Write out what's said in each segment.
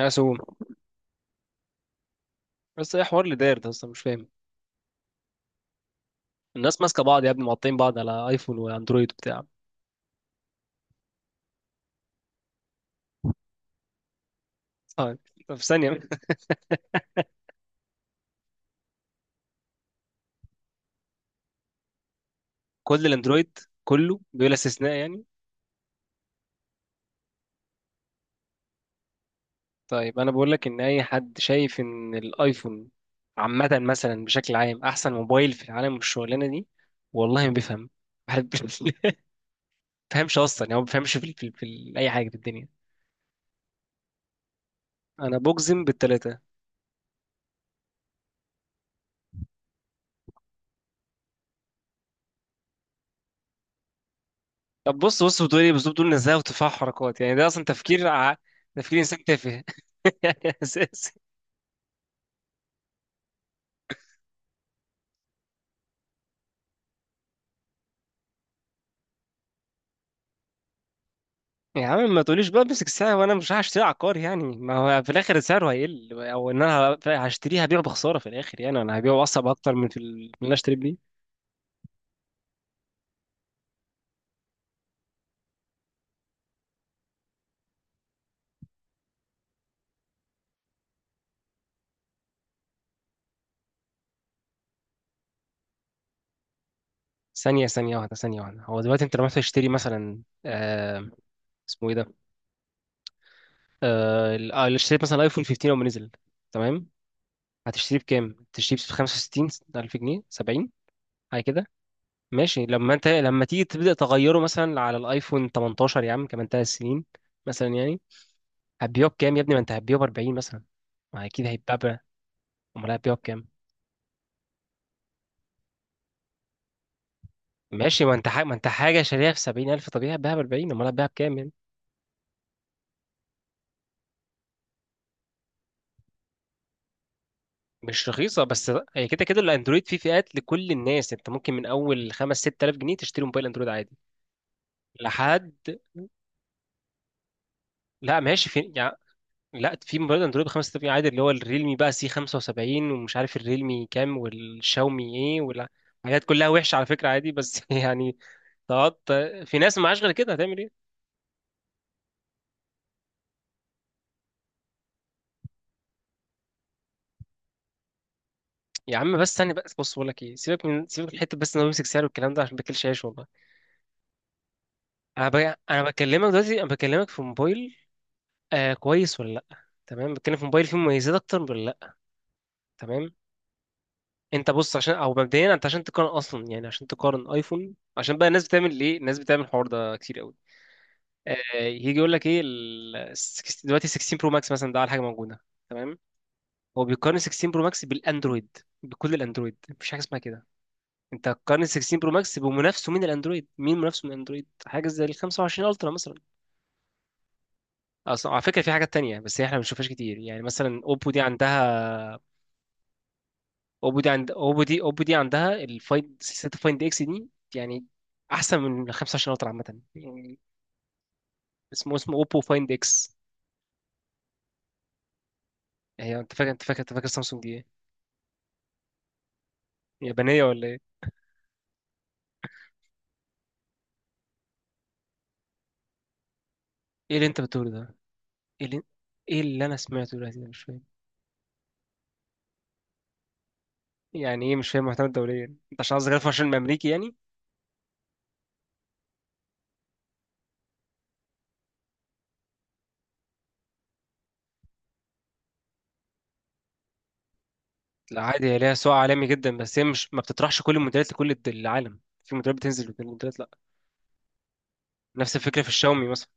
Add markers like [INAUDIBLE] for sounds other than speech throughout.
مقسوم. بس ايه حوار اللي داير ده اصلا مش فاهم؟ الناس ماسكه بعض يا ابني، مقطعين بعض على ايفون واندرويد وبتاع. طيب، في ثانيه. [LAUGHS] كل الاندرويد، كله بلا استثناء يعني. طيب، انا بقول لك ان اي حد شايف ان الايفون عامه، مثلا بشكل عام، احسن موبايل في العالم والشغلانه دي، والله ما بيفهم. واحد [LAUGHS] ما بيفهمش اصلا، يعني هو ما بيفهمش في اي حاجه في الدنيا. انا بجزم بالثلاثه. طب بص، بتقول نزاهه وتفاح حركات، يعني ده اصلا تفكير تفكير انسان تافه [LAUGHS] اساسي. يا عم ما تقوليش بقى امسك الساعة وانا مش هشتريها عقار، يعني ما هو في الاخر سعره هيقل، او ان انا هشتريها هبيعه بخسارة في الاخر، يعني انا هبيعه اصعب اكتر من من اللي أنا اشتريه بيه. ثانية واحدة، هو دلوقتي انت لما رحت تشتري مثلا، اسمه ايه ده؟ اللي اشتريت مثلا ايفون 15 لما نزل، تمام؟ هتشتريه بكام؟ تشتريه ب 65 ألف جنيه، 70، حاجة كده. ماشي، لما تيجي تبدأ تغيره مثلا على الايفون 18 يا عم، كمان 3 سنين مثلا يعني. هتبيعه بكام يا ابني؟ ما انت هتبيعه ب 40 مثلا، ما اكيد هيتباع. امال هتبيعه بكام؟ ماشي، ما انت حاجة شاريها في 70000، طبيعي هتبيعها ب 40، امال هتبيعها بكام يعني. مش رخيصة، بس هي كده كده الاندرويد فيه فئات لكل الناس، انت ممكن من اول 5، 6000 جنيه تشتري موبايل اندرويد عادي لحد. لا ماشي، في يعني، لا، في موبايل اندرويد ب 5000 جنيه عادي، اللي هو الريلمي بقى سي 75، ومش عارف الريلمي كام والشاومي ايه ولا حاجات، كلها وحشة على فكرة عادي بس [LAUGHS] يعني. تقعد، في ناس معاش غير كده، هتعمل إيه؟ يا عم بس ثانية، بس بص بقول لك ايه، سيبك من حتة بس ان هو يمسك سعر والكلام ده، عشان باكلش عيش والله. انا ب... انا بكلمك دلوقتي، بكلمك في موبايل، آه كويس ولا لا، تمام؟ بتكلم في موبايل فيه مميزات اكتر ولا لا، تمام؟ انت بص، عشان او مبدئيا، انت عشان تقارن اصلا، يعني عشان تقارن ايفون، عشان بقى الناس بتعمل ايه، الناس بتعمل الحوار ده كتير قوي. آه، يجي يقول لك ايه دلوقتي 16 برو ماكس مثلا ده على حاجة موجودة، تمام؟ هو بيقارن 16 برو ماكس بالاندرويد، بكل الاندرويد، مفيش حاجة اسمها كده. انت هتقارن 16 برو ماكس بمنافسه من الاندرويد. مين منافسه من الاندرويد؟ حاجه زي ال 25 الترا مثلا. اصلا على فكره في حاجات تانية بس هي احنا ما بنشوفهاش كتير، يعني مثلا اوبو دي عندها. اوبو دي عندها الفايند، سلسله الفايند اكس دي يعني، احسن من ال 25 الترا عامه يعني. اسمه اوبو فايند اكس. هي، انت فاكر سامسونج دي ايه؟ يابانيه ولا ايه؟ ايه اللي انت بتقوله ده؟ ايه اللي ايه اللي انا سمعته دلوقتي ده؟ مش فاهم. يعني ايه مش فاهم محتوى الدوليه؟ انت عشان قصدك 25 امريكي يعني؟ لا عادي، هي ليها سوق عالمي جدا، بس هي مش ما بتطرحش كل الموديلات لكل العالم، في موديلات بتنزل وفي موديلات لا. نفس الفكره في الشاومي مثلا.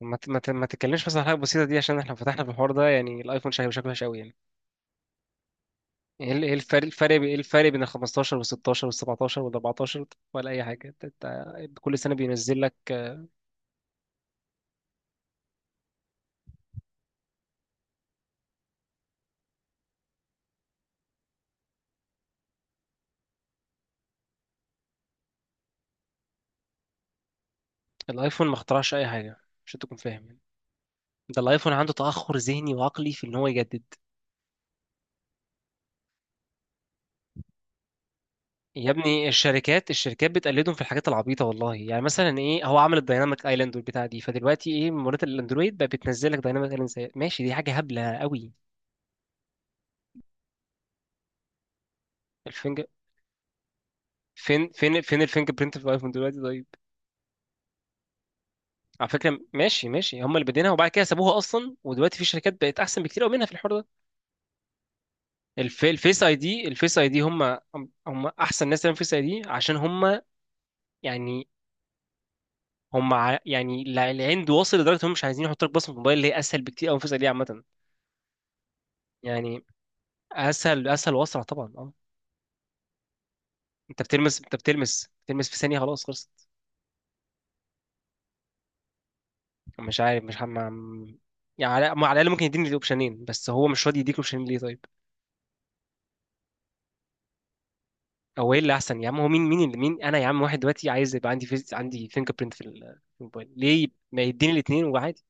ما تتكلمش مثلا عن حاجه بسيطه دي، عشان احنا لو فتحنا في الحوار ده، يعني الايفون شكله شكله وحش قوي يعني. ايه ال- إيه الفرق الفرق بي- ايه الفرق بين ال 15 وال 16 وال 17 وال 14، ولا اي حاجه؟ انت كل سنه بينزل لك. الايفون ما اخترعش اي حاجه، عشان تكون فاهم يعني. ده الايفون عنده تاخر ذهني وعقلي في ان هو يجدد. يا ابني الشركات بتقلدهم في الحاجات العبيطه، والله يعني مثلا، ايه، هو عمل الدايناميك ايلاند والبتاع دي، فدلوقتي ايه، منات الاندرويد بقى بتنزل لك دايناميك ايلاند زي ماشي، دي حاجه هبله قوي. الفينجر فين فين فين الفينجر برينت في الايفون دلوقتي، طيب؟ على فكره ماشي ماشي، هم اللي بادينها وبعد كده سابوها اصلا، ودلوقتي في شركات بقت احسن بكتير قوي منها في الحوار ده. الفيس اي دي هم احسن ناس تعمل فيس اي دي، عشان هم يعني، يعني العند واصل لدرجه هم مش عايزين يحطوا لك بصمه موبايل، اللي هي اسهل بكتير قوي من فيس اي دي عامه يعني. اسهل اسهل واسرع طبعا، اه. انت بتلمس انت بتلمس بتلمس في ثانيه، خلاص خلصت. مش عارف، مش هم يعني. على ما على الاقل ممكن يديني الاوبشنين، بس هو مش راضي يديك الاوبشنين، ليه طيب؟ هو ايه اللي احسن يا عم؟ هو مين انا يا عم؟ واحد دلوقتي عايز يبقى عندي فينجر برينت في الموبايل، ليه ما يديني الاثنين وعادي؟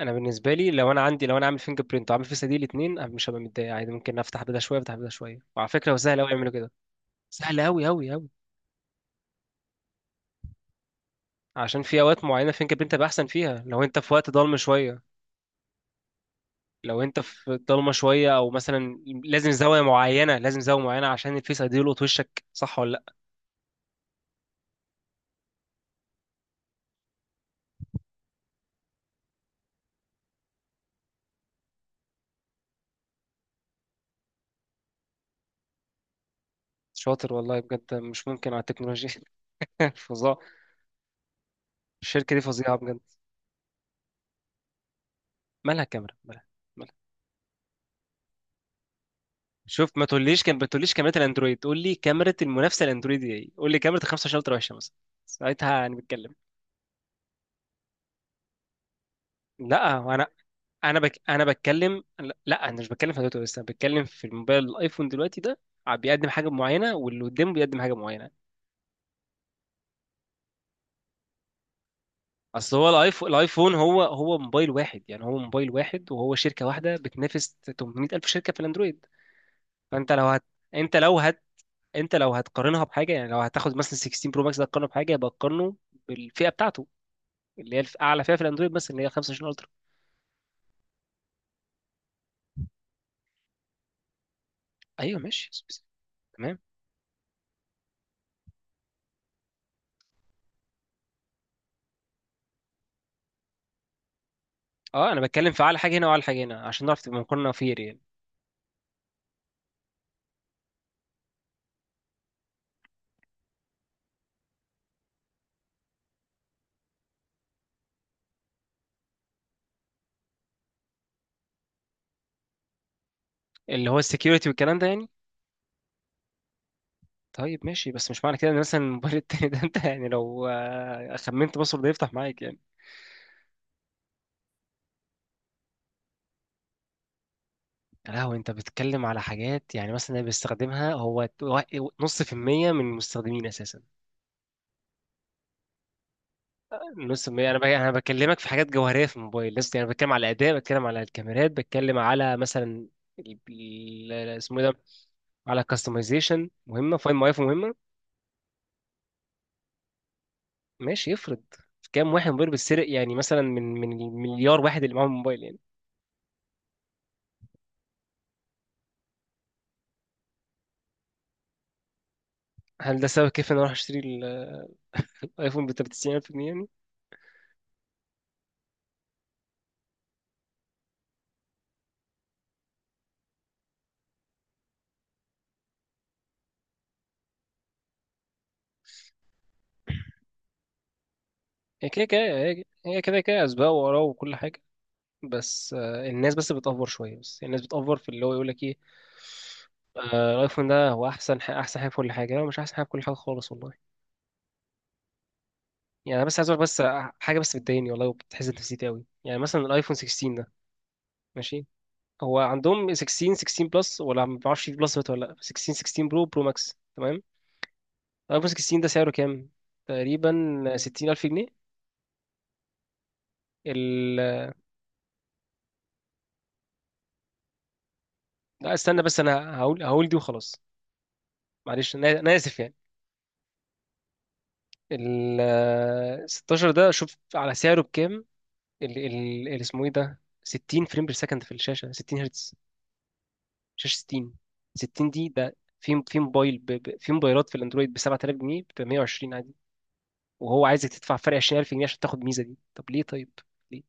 انا بالنسبه لي، لو انا عامل فينجر برينت وعامل فيس دي الاثنين، انا مش هبقى متضايق عادي، ممكن افتح بدا شويه، افتح بدا شويه، وعلى فكره هو سهل قوي يعملوا كده. سهل قوي قوي قوي. عشان في اوقات معينه فينجر برينت هيبقى احسن فيها، لو انت في وقت ضلمه شويه، لو انت في ضلمه شويه، او مثلا لازم زاويه معينه، لازم زاويه معينه عشان الفيس ايدي يلقط وشك، صح ولا لا؟ شاطر، والله بجد مش ممكن على التكنولوجيا. [LAUGHS] فظاع. الشركه دي فظيعه بجد. مالها كاميرا؟ مالها مالها؟ شوف، ما تقوليش كاميرا الاندرويد، قول لي كاميرا المنافسه الاندرويد دي ايه، قول لي كاميرا ال 25 الترا وحشه مثلا، ساعتها انا بتكلم. لا، هو انا، انا بتكلم، لا لا، انا مش بتكلم في دلوقتي، بس انا بتكلم في الموبايل الايفون دلوقتي ده، بيقدم حاجه معينه واللي قدامه بيقدم حاجه معينه. اصل هو الايفون، هو موبايل واحد يعني، هو موبايل واحد وهو شركه واحده بتنافس 800 الف شركه في الاندرويد. فانت لو هت انت لو هت انت لو هتقارنها بحاجه، يعني لو هتاخد مثلا 16 برو ماكس ده تقارنه بحاجه، يبقى تقارنه بالفئه بتاعته، اللي هي اعلى فئه في الاندرويد، بس اللي هي 25 الترا. ايوه ماشي، تمام. اه، انا بتكلم في اعلى حاجه هنا واعلى حاجه هنا، عشان نعرف تبقى مقارنه فير يعني. اللي هو السكيورتي والكلام ده يعني. طيب ماشي، بس مش معنى كده ان مثلا الموبايل التاني ده، انت يعني لو خمنت باسورد يفتح معاك يعني. يا لهوي، انت بتتكلم على حاجات، يعني مثلا اللي بيستخدمها هو نص في المية من المستخدمين اساسا. نص في المية، يعني انا بكلمك في حاجات جوهرية في الموبايل لسه يعني، بتكلم على الاداء، بتكلم على الكاميرات، بتكلم على مثلا اسمه إيه ده، على كاستمايزيشن مهمة، فاين ماي ايفون مهمة. ماشي، افرض. كام واحد موبايل بيتسرق يعني مثلا، من المليار واحد اللي معاهم موبايل يعني. هل ده سبب كيف ان انا اروح اشتري الايفون ب 93000 جنيه يعني؟ هي كده كده، هي كده كده اسباب وراه وكل حاجة. بس الناس بس بتأفور شوية، بس الناس بتأفور في اللي هو يقول لك ايه، الايفون ده هو احسن احسن حاجة في كل حاجة. لا، مش احسن حاجة في كل حاجة خالص والله يعني. انا بس عايز اقول بس حاجة بس بتضايقني والله، وبتحزن نفسيتي قوي يعني، مثلا الايفون 16 ده، ماشي. هو عندهم 16، 16 بلس، ولا ما بعرفش في بلس ولا لا، 16، 16 برو، ماكس، تمام. الايفون 16 ده سعره كام؟ تقريبا 60000 جنيه. ال... لا استنى بس، انا هقول دي وخلاص. معلش، انا اسف يعني. ال 16 ده شوف على سعره بكام، اسمه ايه ده، 60 فريم بير سكند في الشاشه، 60 هرتز، شاشه 60، 60 دي، ده في موبايل، في موبايلات في الاندرويد ب 7000 جنيه، ب 120 عادي. وهو عايزك تدفع فرق 20000 جنيه عشان تاخد الميزه دي، طب ليه؟ طيب ليه؟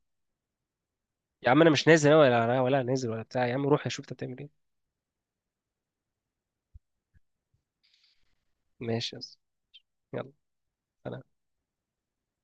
يا عم انا مش نازل أنا، ولا نازل ولا بتاع، يا عم روح اشوف انت بتعمل ايه. ماشي يا أسطى. يلا.